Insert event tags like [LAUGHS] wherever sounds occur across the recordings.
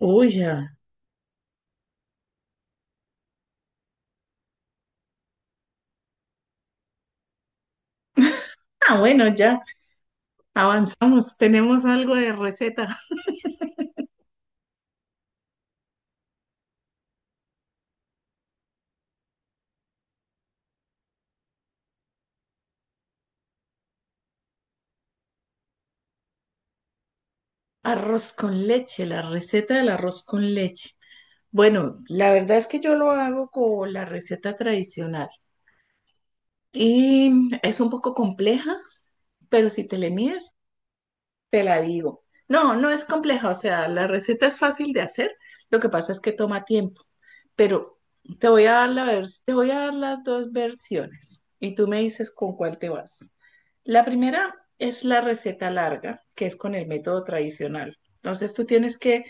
Uy, ya. Ah, bueno, ya avanzamos. Tenemos algo de receta. [LAUGHS] Arroz con leche, la receta del arroz con leche. Bueno, la verdad es que yo lo hago con la receta tradicional y es un poco compleja, pero si te le mides, te la digo. No, no es compleja, o sea, la receta es fácil de hacer, lo que pasa es que toma tiempo, pero te voy a dar la te voy a dar las dos versiones y tú me dices con cuál te vas. La primera es la receta larga, que es con el método tradicional. Entonces tú tienes que,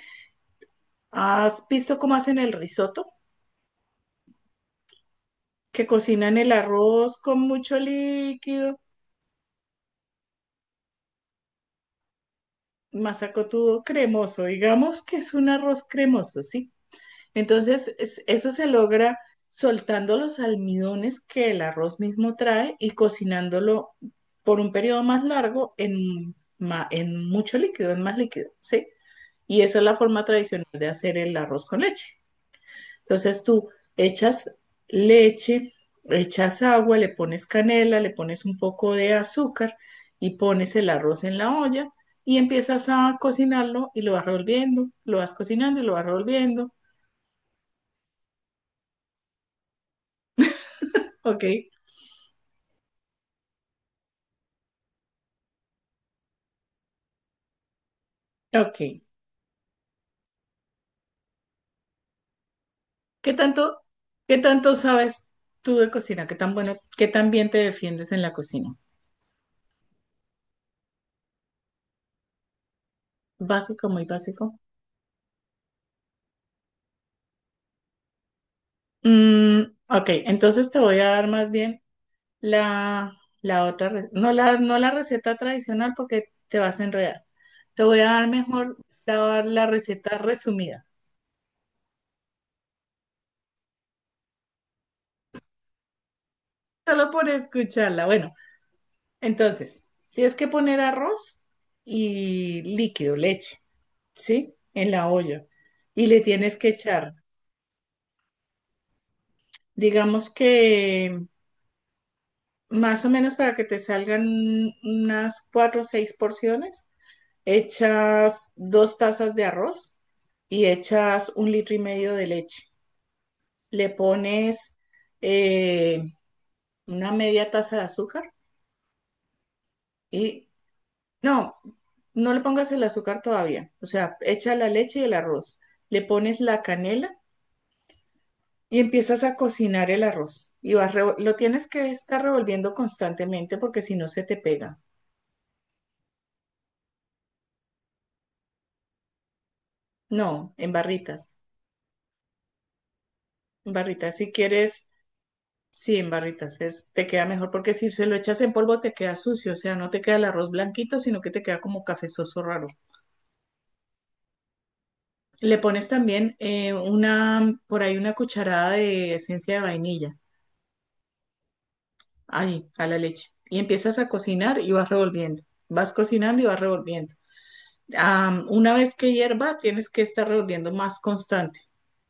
¿has visto cómo hacen el risotto? Que cocinan el arroz con mucho líquido, masacotudo cremoso, digamos que es un arroz cremoso, ¿sí? Entonces, eso se logra soltando los almidones que el arroz mismo trae y cocinándolo por un periodo más largo en mucho líquido, en más líquido, ¿sí? Y esa es la forma tradicional de hacer el arroz con leche. Entonces, tú echas leche, echas agua, le pones canela, le pones un poco de azúcar y pones el arroz en la olla y empiezas a cocinarlo y lo vas revolviendo, lo vas cocinando y lo vas revolviendo, ¿ok? Ok. ¿Qué tanto, qué tanto sabes tú de cocina? ¿Qué tan bueno, qué tan bien te defiendes en la cocina? Básico, muy básico. Mm, ok, entonces te voy a dar más bien la, la otra, no la receta tradicional porque te vas a enredar. Te voy a dar mejor la receta resumida, solo por escucharla. Bueno, entonces, tienes que poner arroz y líquido, leche, ¿sí? En la olla. Y le tienes que echar. Digamos que más o menos para que te salgan unas cuatro o seis porciones, echas 2 tazas de arroz y echas 1,5 litros de leche. Le pones eh, una media taza de azúcar y no, no le pongas el azúcar todavía. O sea, echa la leche y el arroz. Le pones la canela y empiezas a cocinar el arroz. Y vas lo tienes que estar revolviendo constantemente porque si no se te pega. No, en barritas. En barritas, si quieres, sí, en barritas. Es, te queda mejor porque si se lo echas en polvo te queda sucio, o sea, no te queda el arroz blanquito, sino que te queda como cafezoso raro. Le pones también por ahí una cucharada de esencia de vainilla ahí, a la leche. Y empiezas a cocinar y vas revolviendo. Vas cocinando y vas revolviendo. Una vez que hierva, tienes que estar revolviendo más constante,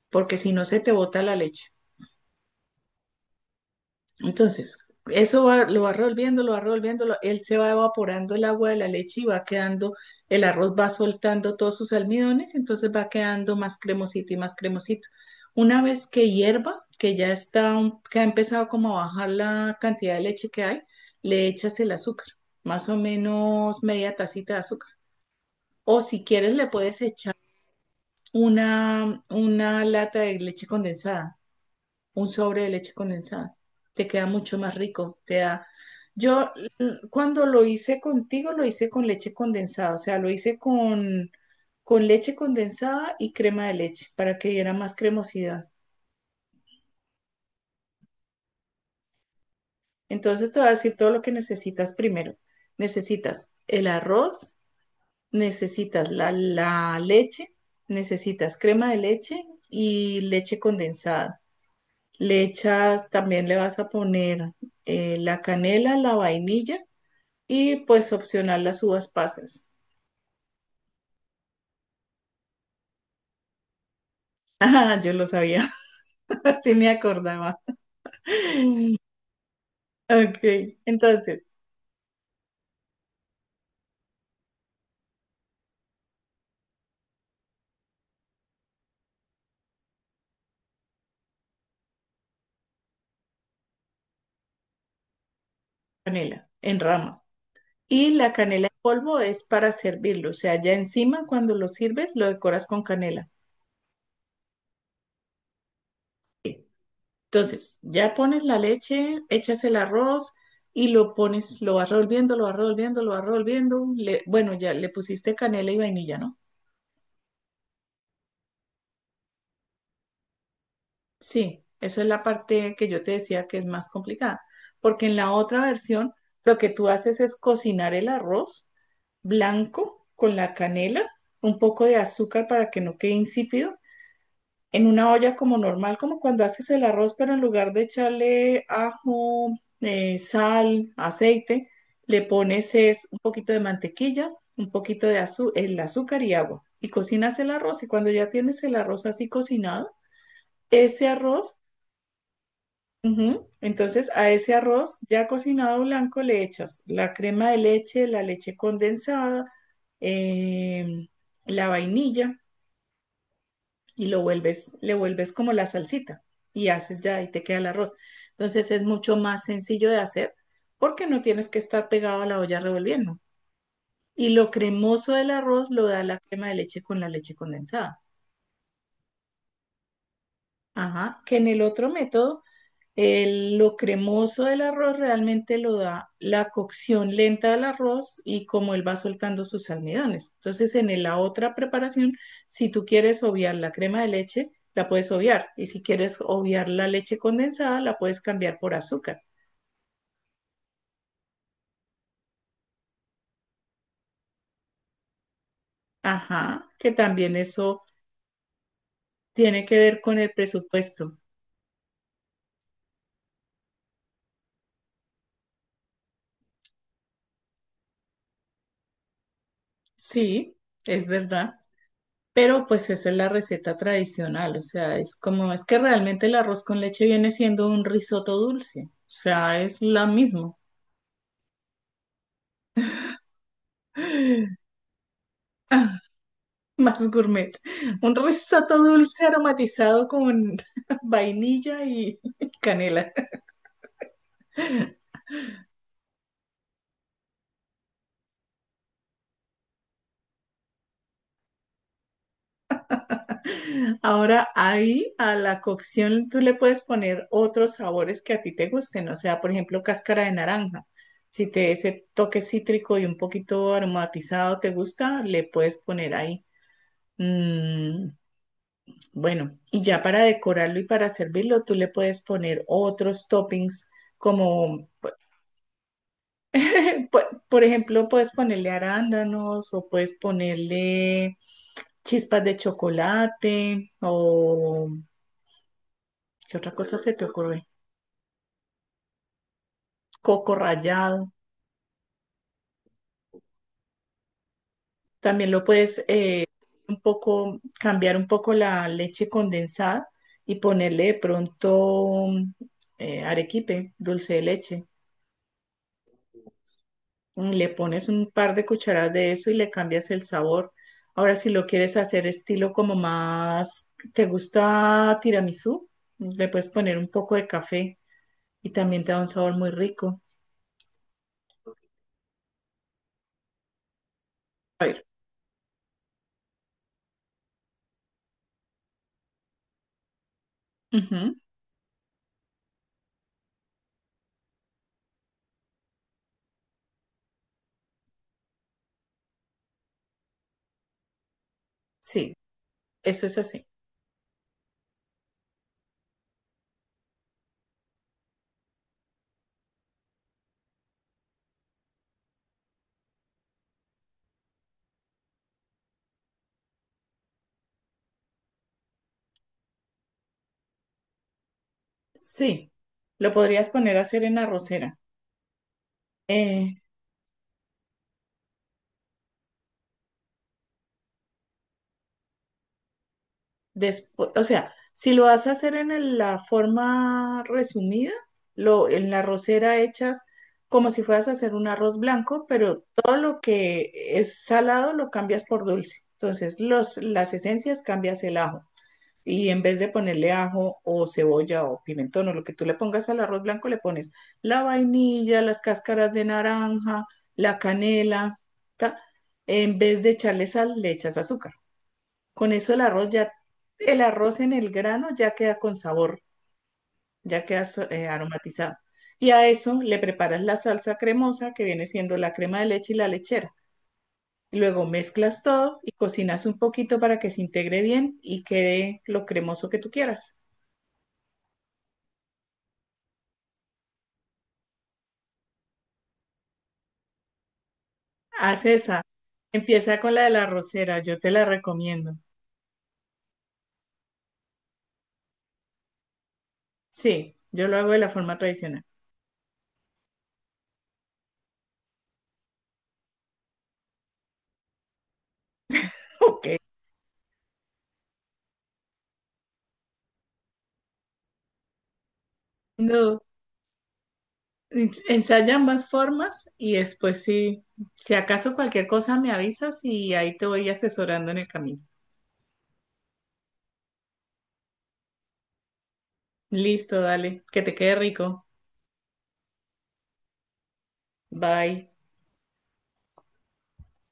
porque si no se te bota la leche. Entonces, lo va revolviendo, él se va evaporando el agua de la leche y va quedando, el arroz va soltando todos sus almidones, entonces va quedando más cremosito y más cremosito. Una vez que hierva, que ya está, que ha empezado como a bajar la cantidad de leche que hay, le echas el azúcar, más o menos media tacita de azúcar. O si quieres, le puedes echar una lata de leche condensada, un sobre de leche condensada. Te queda mucho más rico, te da. Yo cuando lo hice contigo, lo hice con leche condensada, o sea, lo hice con leche condensada y crema de leche para que diera más cremosidad. Entonces te voy a decir todo lo que necesitas primero. Necesitas el arroz, necesitas la leche, necesitas crema de leche y leche condensada. Le echas, también le vas a poner la canela, la vainilla. Y pues opcional las uvas pasas. [LAUGHS] Ah, yo lo sabía, [LAUGHS] así me acordaba. Ok, entonces, canela en rama. Y la canela en polvo es para servirlo, o sea, ya encima cuando lo sirves lo decoras con canela. Sí. Entonces, ya pones la leche, echas el arroz y lo pones, lo vas revolviendo, lo vas revolviendo, lo vas revolviendo. Bueno, ya le pusiste canela y vainilla, ¿no? Sí, esa es la parte que yo te decía que es más complicada, porque en la otra versión lo que tú haces es cocinar el arroz blanco con la canela, un poco de azúcar para que no quede insípido, en una olla como normal, como cuando haces el arroz, pero en lugar de echarle ajo, sal, aceite, le pones es un poquito de mantequilla, un poquito de azu- el azúcar y agua, y cocinas el arroz, y cuando ya tienes el arroz así cocinado, ese arroz. Ujú. Entonces, a ese arroz ya cocinado blanco le echas la crema de leche, la leche condensada, em, la vainilla y lo vuelves, le vuelves como la salsita y haces ya y te queda el arroz. Entonces, es mucho más sencillo de hacer porque no tienes que estar pegado a la olla revolviendo. Y lo cremoso del arroz lo da la crema de leche con la leche condensada. Ajá, que en el otro método lo cremoso del arroz realmente lo da la cocción lenta del arroz y como él va soltando sus almidones. Entonces, en la otra preparación, si tú quieres obviar la crema de leche, la puedes obviar. Y si quieres obviar la leche condensada, la puedes cambiar por azúcar. Ajá, que también eso tiene que ver con el presupuesto. Sí, es verdad. Pero pues esa es la receta tradicional, o sea, es como es que realmente el arroz con leche viene siendo un risotto dulce, o sea, es la misma, [LAUGHS] más gourmet. Un risotto dulce aromatizado con [LAUGHS] vainilla y [LAUGHS] canela. Ahora ahí a la cocción tú le puedes poner otros sabores que a ti te gusten, o sea, por ejemplo, cáscara de naranja. Si te ese toque cítrico y un poquito aromatizado te gusta, le puedes poner ahí. Mm, bueno, y ya para decorarlo y para servirlo, tú le puedes poner otros toppings como, [LAUGHS] po- por ejemplo, puedes ponerle arándanos o puedes ponerle chispas de chocolate o ¿qué otra cosa se te ocurre? Coco rallado. También lo puedes un poco cambiar un poco la leche condensada y ponerle de pronto arequipe, dulce de leche. Le pones un par de cucharadas de eso y le cambias el sabor. Ahora, si lo quieres hacer estilo como más, ¿te gusta tiramisú? Le puedes poner un poco de café y también te da un sabor muy rico. A ver, ujú. Sí, eso es así. Sí, lo podrías poner a hacer en arrocera. Eh, Después, o sea, si lo vas a hacer en la forma resumida, lo, en la rosera echas como si fueras a hacer un arroz blanco, pero todo lo que es salado lo cambias por dulce. Entonces, los, las esencias cambias el ajo. Y en vez de ponerle ajo o cebolla o pimentón o lo que tú le pongas al arroz blanco, le pones la vainilla, las cáscaras de naranja, la canela, ¿ta? En vez de echarle sal, le echas azúcar. Con eso el arroz ya, el arroz en el grano ya queda con sabor, ya queda aromatizado. Y a eso le preparas la salsa cremosa que viene siendo la crema de leche y la lechera. Luego mezclas todo y cocinas un poquito para que se integre bien y quede lo cremoso que tú quieras. Haz esa. Empieza con la de la arrocera, yo te la recomiendo. Sí, yo lo hago de la forma tradicional. [LAUGHS] Ok. No. Ensaya ambas formas y después sí, si acaso cualquier cosa me avisas y ahí te voy asesorando en el camino. Listo, dale, que te quede rico. Bye.